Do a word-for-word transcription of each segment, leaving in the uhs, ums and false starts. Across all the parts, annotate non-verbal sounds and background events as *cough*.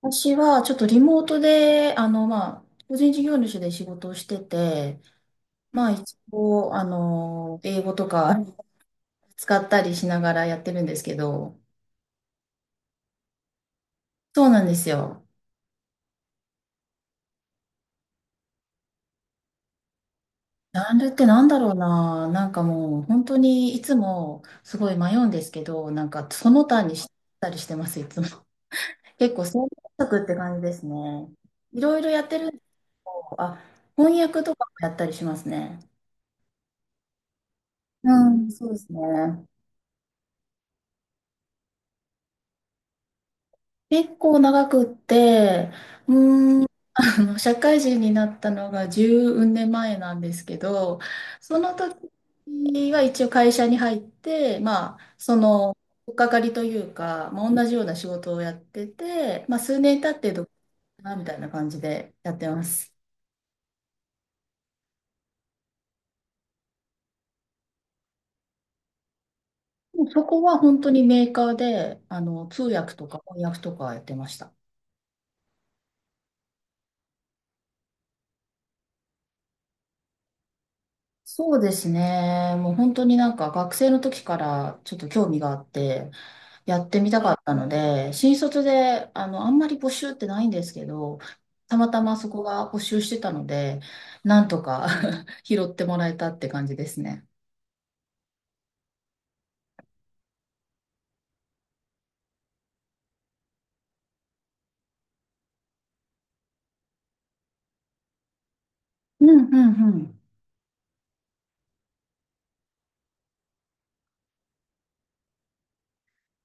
私はちょっとリモートで、あの、まあ、個人事業主で仕事をしてて、まあ、一応、あの、英語とか使ったりしながらやってるんですけど、そうなんですよ。ジャンルってなんだろうな、なんかもう、本当にいつもすごい迷うんですけど、なんかその他にしたりしてます、いつも。*laughs* 結構、選択って感じですね。いろいろやってるんで、あ、翻訳とかもやったりしますね。うん、そうですね。結構長くって、うーん、あの、社会人になったのがじゅうねんまえなんですけど、その時は一応会社に入って、まあ、その、とっかかりというか、まあ、同じような仕事をやってて、まあ、数年経ってどうかなみたいな感じでやってます。もうそこは本当にメーカーで、あの、通訳とか翻訳とかやってました。そうですね。もう本当になんか学生の時からちょっと興味があって、やってみたかったので、新卒で、あの、あんまり募集ってないんですけど、たまたまそこが募集してたので、なんとか *laughs* 拾ってもらえたって感じですね。うんうん。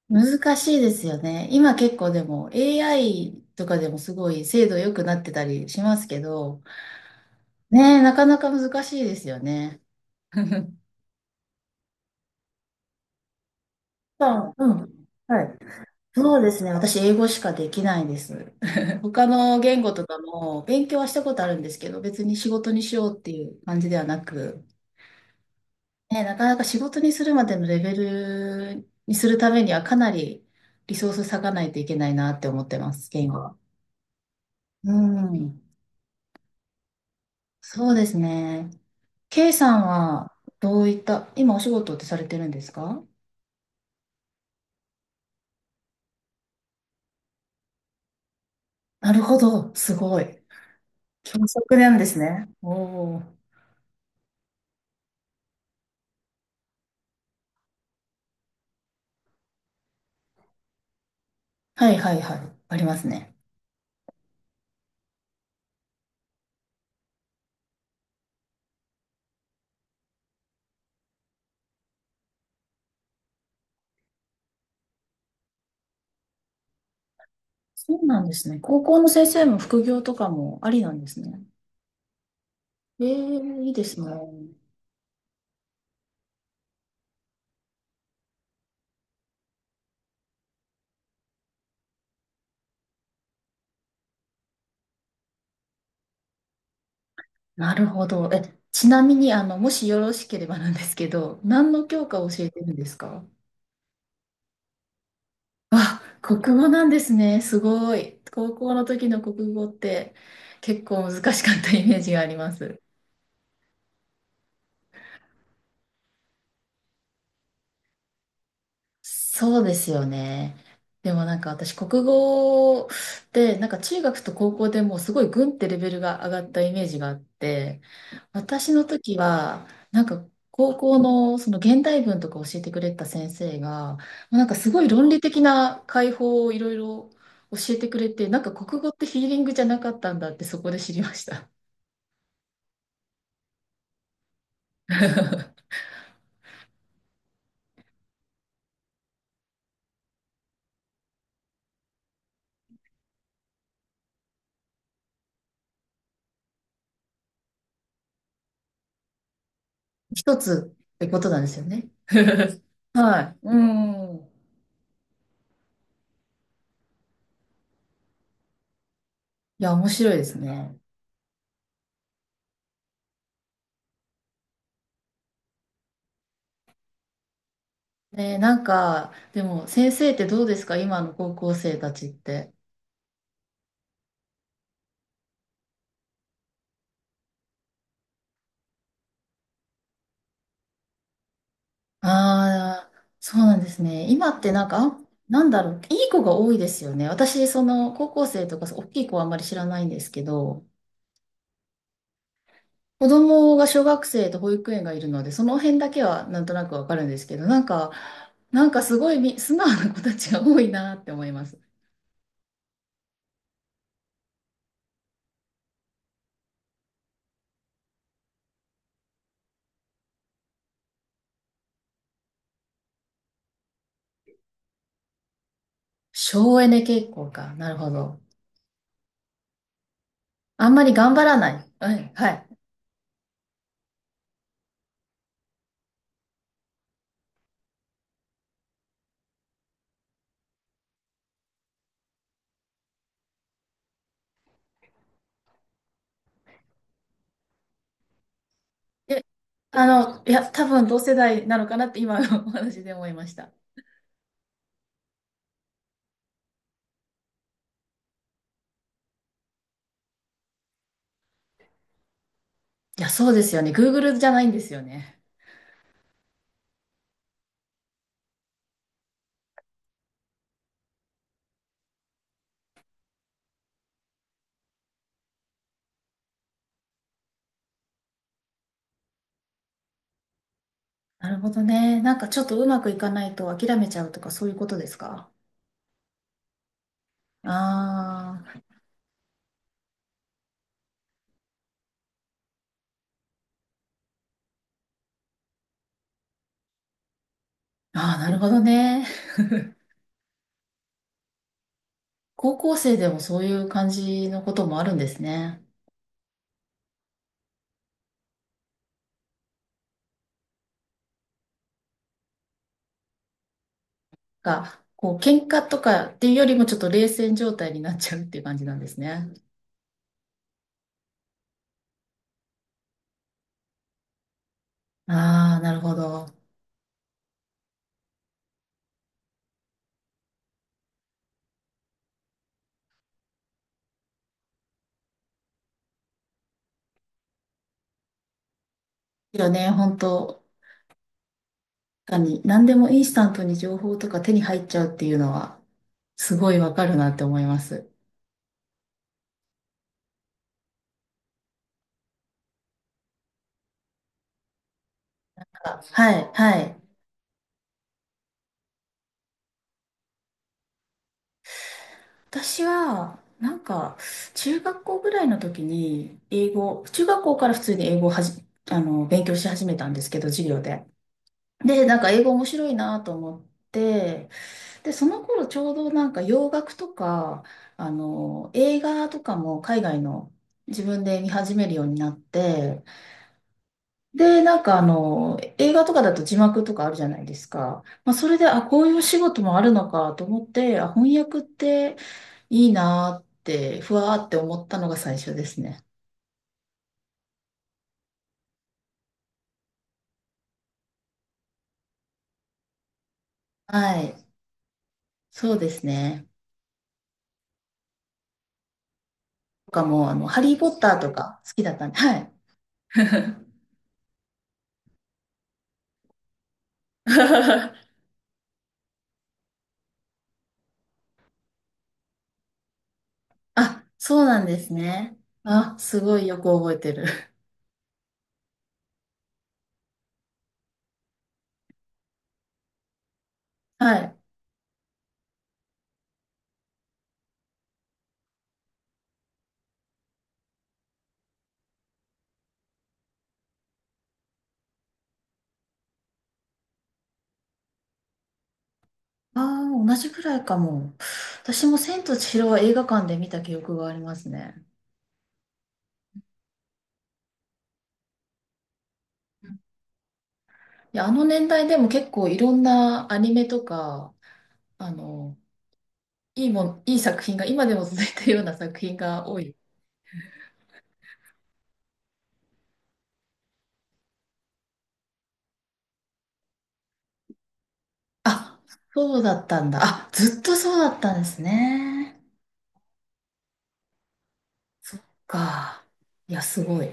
うん。難しいですよね。今結構でも エーアイ とかでもすごい精度良くなってたりしますけど、ねえ、なかなか難しいですよね。*laughs* さあ、うん。はい。そうですね。私、英語しかできないです。*laughs* 他の言語とかも勉強はしたことあるんですけど、別に仕事にしようっていう感じではなく、ね、なかなか仕事にするまでのレベルにするためにはかなりリソース割かないといけないなって思ってます、言語は。うん。そうですね。K さんはどういった、今お仕事ってされてるんですか？なるほど。すごい。教職なんですね。おお。はいはいはい。ありますね。そうなんですね。高校の先生も副業とかもありなんですね。ええ、いいですね。なるほど。え、ちなみに、あの、もしよろしければなんですけど、何の教科を教えてるんですか？あ、国語なんですね。すごい。高校の時の国語って結構難しかったイメージがあります。そうですよね。でもなんか私、国語でなんか中学と高校でもうすごいグンってレベルが上がったイメージがあって、私の時はなんか高校のその現代文とか教えてくれた先生がなんかすごい論理的な解法をいろいろ教えてくれて、なんか国語ってヒーリングじゃなかったんだってそこで知りました。*laughs* 一つってことなんですよね。*laughs* はい。うん。いや、面白いですね。ねえ、なんか、でも先生ってどうですか、今の高校生たちって。ああ、そうなんですね。今ってなんか、あ、なんだろう、いい子が多いですよね。私、その高校生とか、大きい子はあんまり知らないんですけど、子供が小学生と保育園がいるので、その辺だけはなんとなくわかるんですけど、なんか、なんかすごいみ素直な子たちが多いなって思います。省エネ傾向か。なるほど。あんまり頑張らない。はい。はい。あの、いや、多分同世代なのかなって今のお話で思いました。いや、そうですよね。Google じゃないんですよね。なるほどね。なんかちょっとうまくいかないと諦めちゃうとかそういうことですか？あー、あー、なるほどね。高校生でもそういう感じのこともあるんですね。が、こう、喧嘩とかっていうよりもちょっと冷戦状態になっちゃうっていう感じなんですね。ああ、なるほど。ですよね、本当、確かに何でもインスタントに情報とか手に入っちゃうっていうのは。すごいわかるなって思います。あ、はい、はい。私は、なんか、中学校ぐらいの時に、英語、中学校から普通に英語をはじ、あの、勉強し始めたんですけど、授業で。で、なんか英語面白いなと思って、で、その頃ちょうどなんか洋楽とか、あの、映画とかも海外の、自分で見始めるようになって、で、なんかあの、映画とかだと字幕とかあるじゃないですか。まあ、それで、あ、こういうお仕事もあるのかと思って、あ、翻訳っていいなーって、ふわーって思ったのが最初ですね。はい。そうですね。とかもう、あの、ハリー・ポッターとか好きだったんで、はい。*laughs* あ、そうなんですね。あ、すごいよく覚えてる。はい。ああ、同じくらいかも。私も千と千尋は映画館で見た記憶がありますね。いや、あの年代でも結構いろんなアニメとか、あの、いいもん、いい作品が、今でも続いてるような作品が多い。あ、そうだったんだ。あ、ずっとそうだったんですね。そっか。いや、すごい。